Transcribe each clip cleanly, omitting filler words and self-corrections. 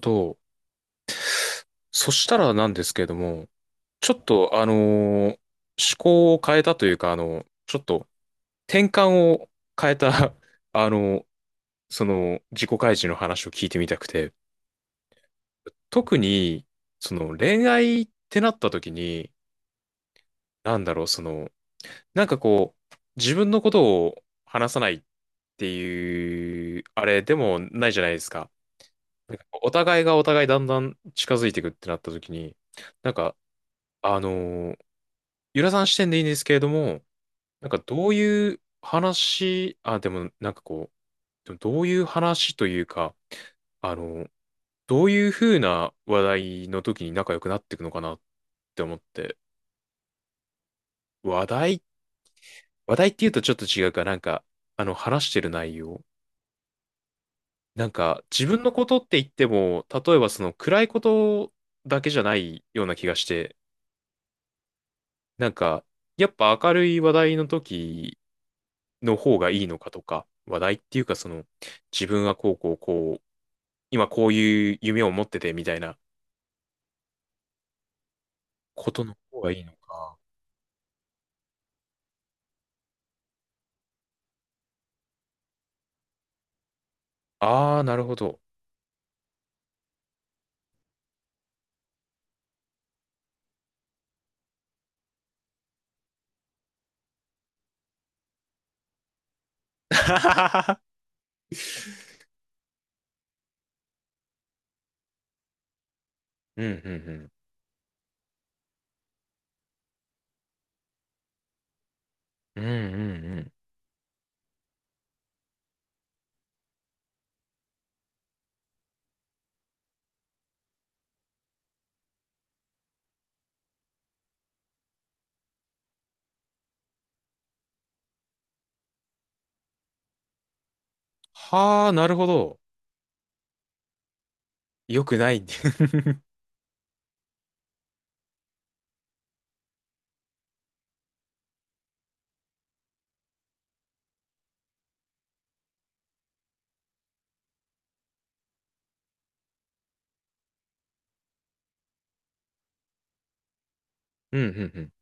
と、そしたらなんですけれども、ちょっと、ー思考を変えたというか、ちょっと転換を変えた、あの、その自己開示の話を聞いてみたくて、特に、その恋愛ってなった時に、なんだろう、その、自分のことを話さないっていう、あれでもないじゃないですか。なんかこうお互いがお互いだんだん近づいていくってなった時に、なんか、あのーゆらさん視点でいいんですけれども、なんかどういう話、あ、でもなんかこう、でもどういう話というか、あの、どういう風な話題の時に仲良くなっていくのかなって思って、話題、話題って言うとちょっと違うか、話してる内容。なんか、自分のことって言っても、例えばその暗いことだけじゃないような気がして、なんか、やっぱ明るい話題の時の方がいいのかとか、話題っていうかその、自分はこうこうこう、今こういう夢を持っててみたいなことの方がいいのか。ああ、なるほど。うんうんうん。うんうんうん。はあ、なるほど。よくない。うんうんうん。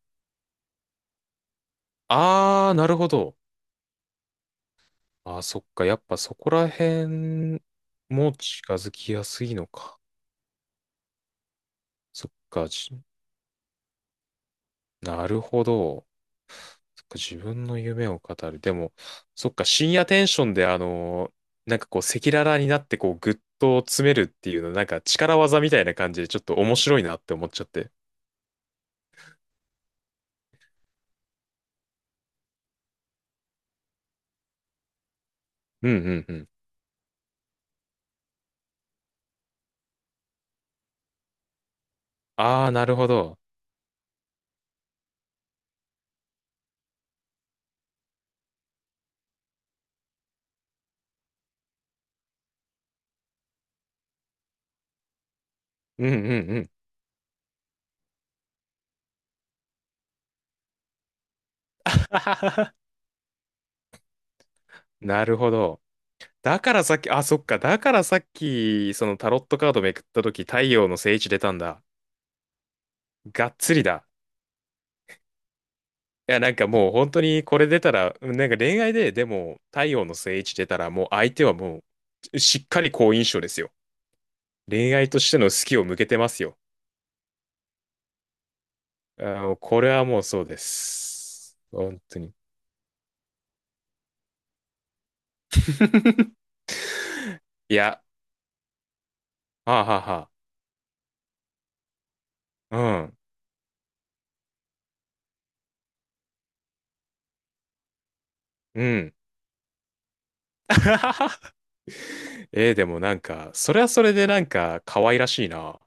ああ、なるほど。ああ、そっか。やっぱそこら辺も近づきやすいのか。そっか。なるほど。そっか、自分の夢を語る。でも、そっか、深夜テンションで、なんかこう、赤裸々になって、こう、ぐっと詰めるっていうの、なんか力技みたいな感じで、ちょっと面白いなって思っちゃって。うんうんうん。ああ、なるほど。うんうんうん。なるほど。だからさっき、あ、そっか。だからさっき、そのタロットカードめくったとき、太陽の聖地出たんだ。がっつりだ。なんかもう本当にこれ出たら、うん、なんか恋愛で、でも、太陽の聖地出たら、もう相手はもう、しっかり好印象ですよ。恋愛としての好きを向けてますよ。あの、これはもうそうです。本当に。いや、はあはあはあ。うん、うん。えー、でもなんか、それはそれでなんか、可愛らしいな。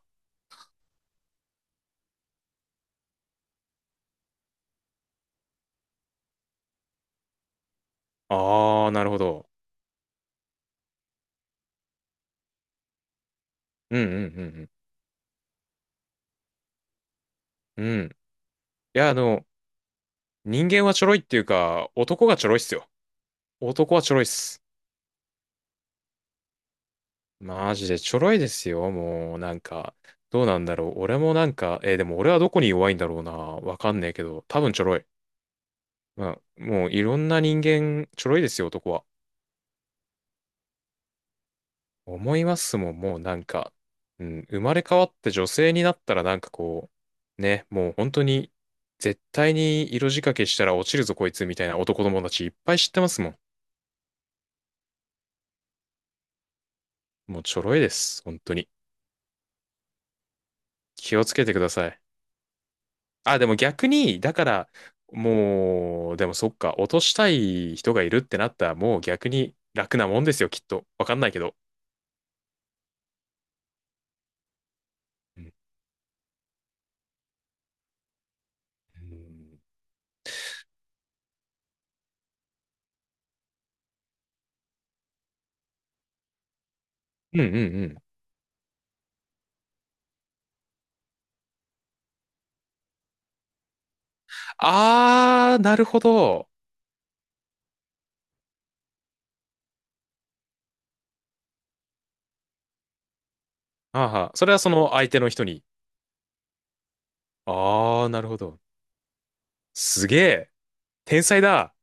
ああ、なるほど。うんうんうんうん。うん。いや、人間はちょろいっていうか、男がちょろいっすよ。男はちょろいっす。マジでちょろいですよ、もう、なんか。どうなんだろう。俺もなんか、えーでも俺はどこに弱いんだろうな。わかんねえけど、多分ちょろい。まあ、もういろんな人間、ちょろいですよ、男は。思いますもん、もうなんか、うん、生まれ変わって女性になったらなんかこう、ね、もう本当に、絶対に色仕掛けしたら落ちるぞ、こいつ、みたいな男友達いっぱい知ってますもん。もうちょろいです、本当に。気をつけてください。あ、でも逆に、だから、もう、でもそっか、落としたい人がいるってなったら、もう逆に楽なもんですよ、きっと。わかんないけど。うんうんうんうんうん。あー、なるほど。はあはあ、それはその相手の人に。あー、なるほど。すげえ。天才だ。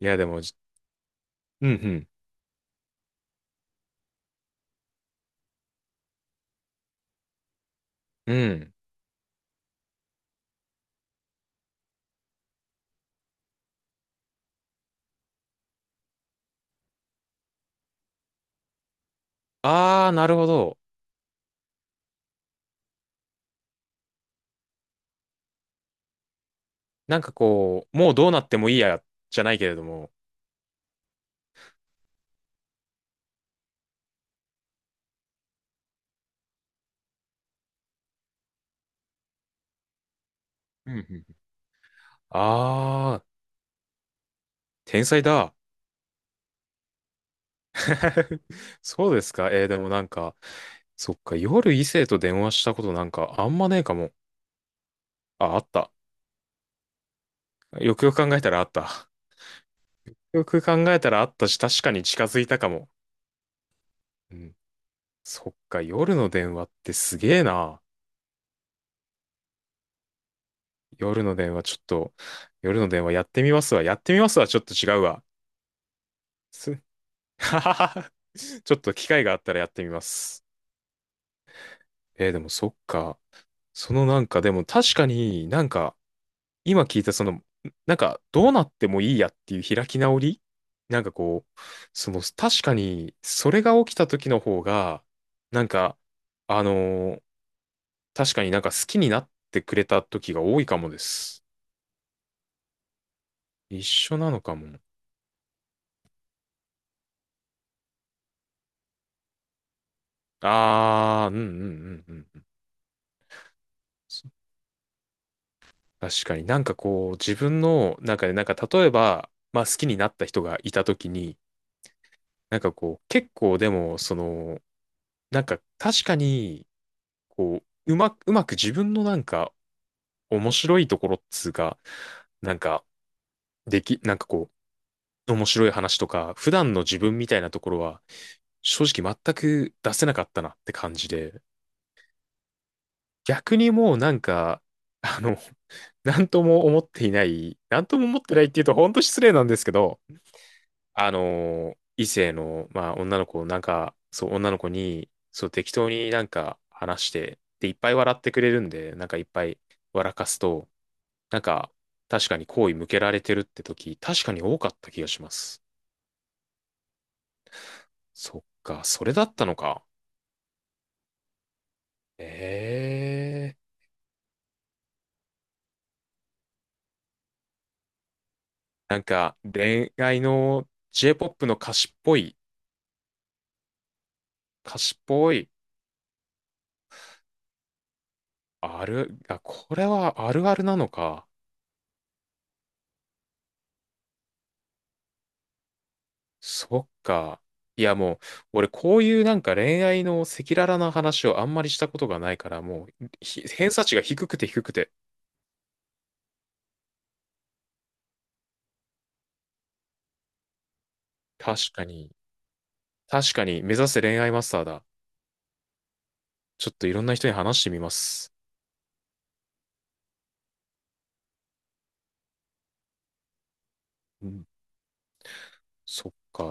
いや、でも、じうんうん。うん。あー、なるほど。なんかこう、もうどうなってもいいや、じゃないけれども。うんうん。あー、天才だ。そうですか。えーでもなんか、そっか、夜異性と電話したことなんかあんまねえかも。あ、あった。よくよく考えたらあった。よく考えたらあったし、確かに近づいたかも。うん。そっか、夜の電話ってすげえな。夜の電話ちょっと、夜の電話やってみますわ。やってみますわ。ちょっと違うわ。す、ははは。ちょっと機会があったらやってみます。えーでもそっか。確かになんか、今聞いたその、なんかどうなってもいいやっていう開き直り、なんかこう、その確かにそれが起きた時の方が、なんか、あのー確かになんか好きになってくれた時が多いかもです。一緒なのかも。あー、うんうんうんうんうん。確かになんかこう、自分の中でなんか例えば、まあ好きになった人がいた時に、なんかこう、結構でも、その、なんか確かに、こう、うまく、自分のなんか、面白いところっつうか、なんか、でき、なんかこう、面白い話とか、普段の自分みたいなところは、正直全く出せなかったなって感じで、逆にもうなんか、あの、なんとも思ってないっていうと本当失礼なんですけど、異性の、まあ女の子、女の子に、そう、適当になんか話して、で、いっぱい笑ってくれるんで、なんかいっぱい笑かすと、なんか、確かに好意向けられてるって時、確かに多かった気がします。そっか、それだったのか。ええー、なんか、恋愛の J-POP の歌詞っぽい、歌詞っぽい、ある、あ、これはあるあるなのか。そっか。いやもう、俺こういうなんか恋愛の赤裸々な話をあんまりしたことがないから、もう、偏差値が低くて低くて。確かに、確かに、目指せ恋愛マスターだ。ちょっといろんな人に話してみます。そっか。